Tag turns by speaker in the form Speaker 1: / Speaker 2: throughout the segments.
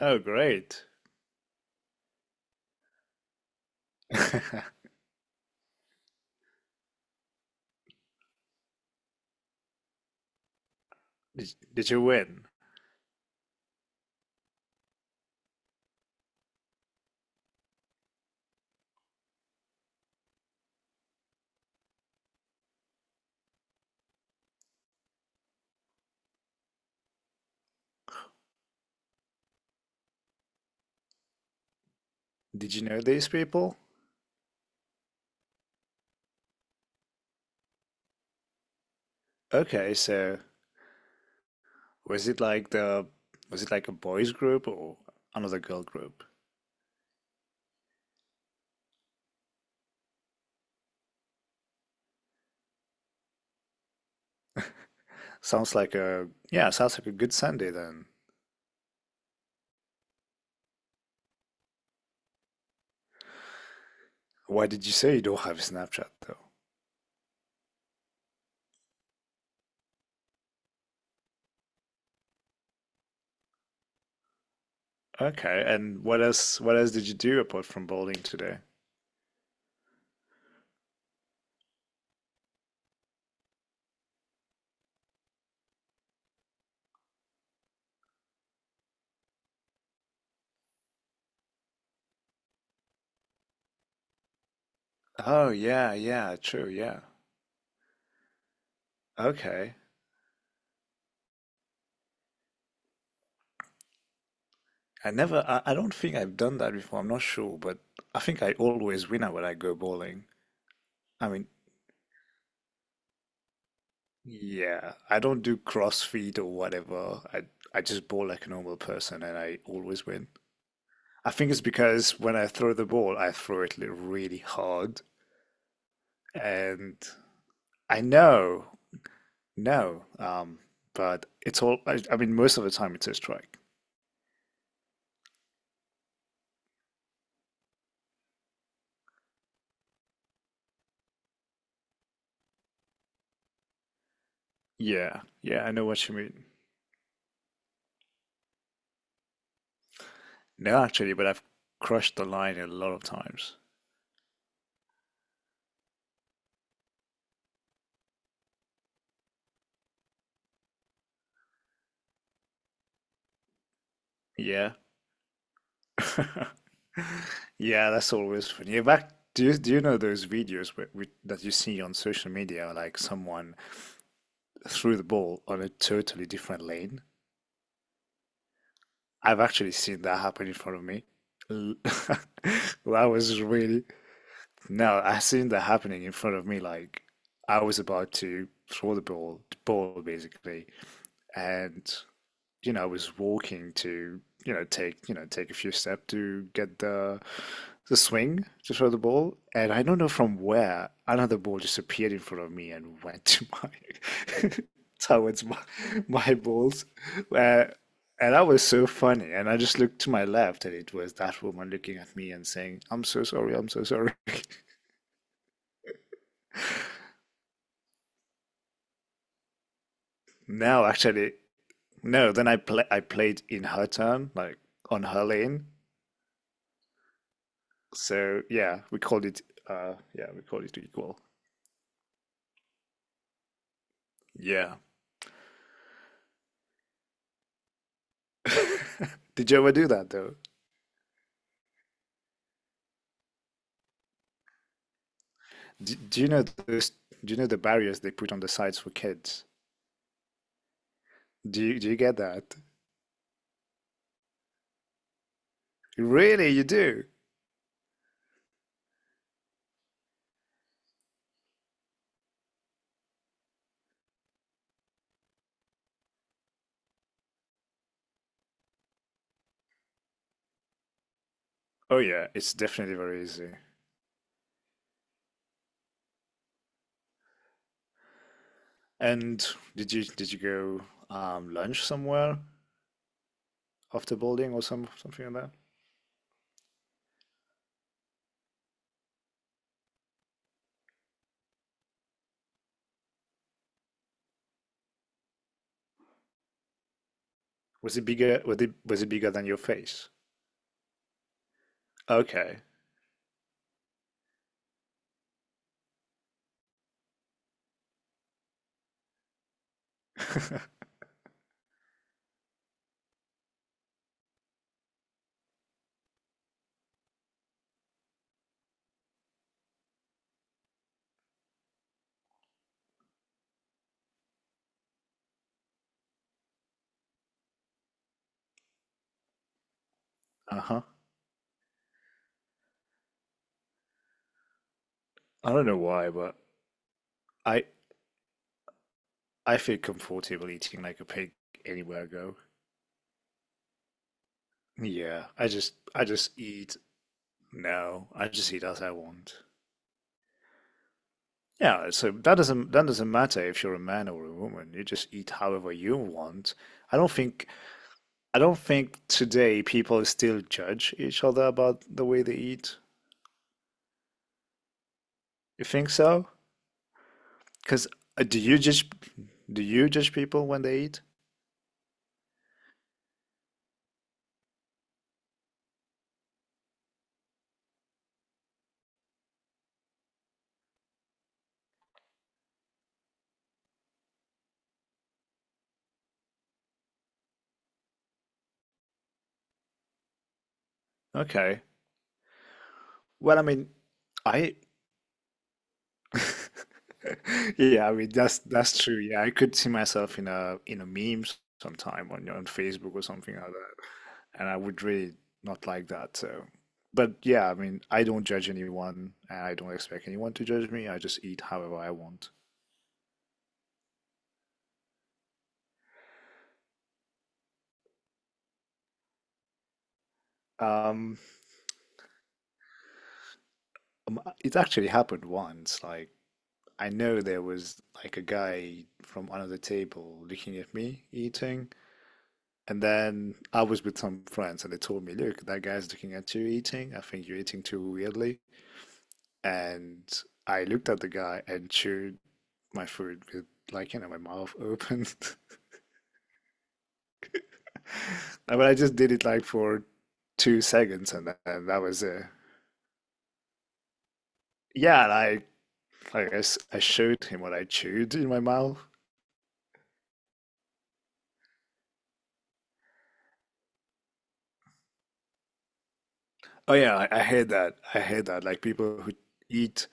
Speaker 1: Oh, great. Did you win? Did you know these people? Okay, so was it like the was it like a boys group or another girl group? Sounds like a yeah, sounds like a good Sunday then. Why did you say you don't have Snapchat though? Okay, and what else did you do apart from bowling today? Oh yeah, yeah, true, yeah. Okay. I don't think I've done that before, I'm not sure, but I think I always win when I go bowling. I mean, Yeah, I don't do CrossFit or whatever. I just bowl like a normal person and I always win. I think it's because when I throw the ball, I throw it really hard and I know, no, but it's all I mean most of the time it's a strike. Yeah, yeah, I know what you mean. No, actually, but I've crushed the line a lot of times. Yeah. Yeah, that's always funny. Do you know those videos that you see on social media, like someone threw the ball on a totally different lane. I've actually seen that happen in front of me. That was really, no, I seen that happening in front of me. Like I was about to throw the ball basically, and you know, I was walking to, you know, take a few steps to get the swing to throw the ball, and I don't know from where another ball just appeared in front of me and went to my towards my balls. Uh, and that was so funny. And I just looked to my left, and it was that woman looking at me and saying, "I'm so sorry, I'm so sorry." No, actually, no. Then I played in her turn, like on her lane. So yeah, we called it yeah, we called it equal. Yeah. Did you ever do that though? Do you know do you know the barriers they put on the sites for kids? Do you get that? Really, you do? Oh yeah, it's definitely very easy. And did you go lunch somewhere after bowling or something like that? Was it bigger than your face? Okay. Uh-huh. I don't know why, but I I feel comfortable eating like a pig anywhere I go. Yeah, I just eat No, I just eat as I want. Yeah, so that doesn't matter if you're a man or a woman. You just eat however you want. I don't think I don't think today people still judge each other about the way they eat. You think so? Because do you judge do you judge people when they eat? Okay. Well, I mean, I Yeah, I mean that's true. Yeah, I could see myself in a meme sometime on Facebook or something like that, and I would really not like that. So, but yeah, I mean, I don't judge anyone, and I don't expect anyone to judge me. I just eat however I want. Um, it actually happened once. Like I know there was like a guy from another table looking at me eating. And then I was with some friends and they told me, look, that guy's looking at you eating. I think you're eating too weirdly. And I looked at the guy and chewed my food with like, you know, my mouth open. But I just did it like for 2 seconds then that was it. Yeah, and I, like, I guess I showed him what I chewed in my mouth. Oh yeah, I hate that. I hate that. Like people who eat.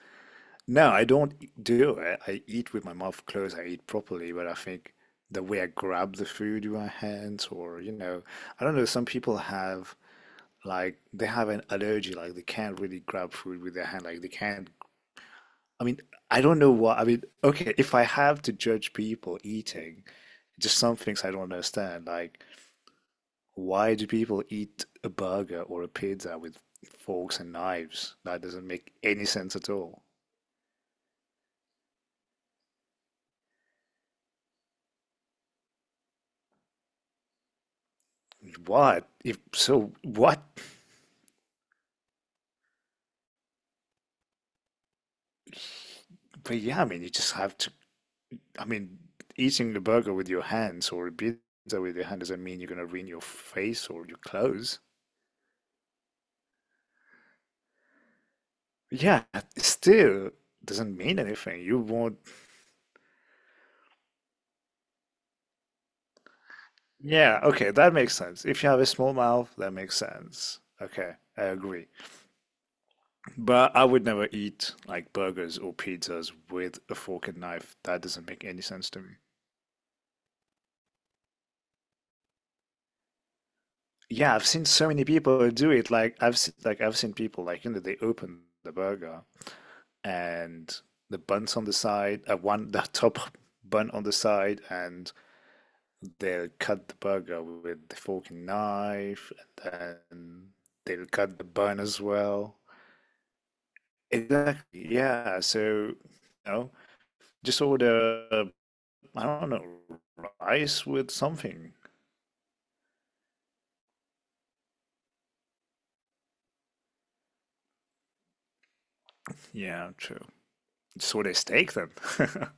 Speaker 1: No, I don't do it. I eat with my mouth closed. I eat properly, but I think the way I grab the food with my hands, or you know, I don't know. Some people have they have an allergy, like they can't really grab food with their hand. Like they can't. I mean, I don't know what. I mean, okay, if I have to judge people eating, just some things I don't understand. Like, why do people eat a burger or a pizza with forks and knives? That doesn't make any sense at all. What? If so, what. But yeah, I mean, you just have to. I mean, eating a burger with your hands or a pizza with your hand doesn't mean you're gonna ruin your face or your clothes. Yeah, it still doesn't mean anything. You won't. Yeah, okay, that makes sense. If you have a small mouth, that makes sense. Okay, I agree. But I would never eat like burgers or pizzas with a fork and knife. That doesn't make any sense to me. Yeah, I've seen so many people do it. Like I've seen people like you know they open the burger and the buns on the side, one the top bun on the side, and they'll cut the burger with the fork and knife, and then they'll cut the bun as well. Exactly, yeah. So, you know, just order, I don't know, rice with something. Yeah, true. Just order a steak then.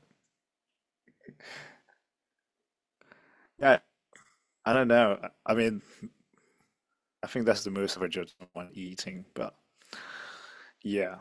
Speaker 1: Yeah, I don't know. I mean, I think that's the most of a judge on eating, but yeah.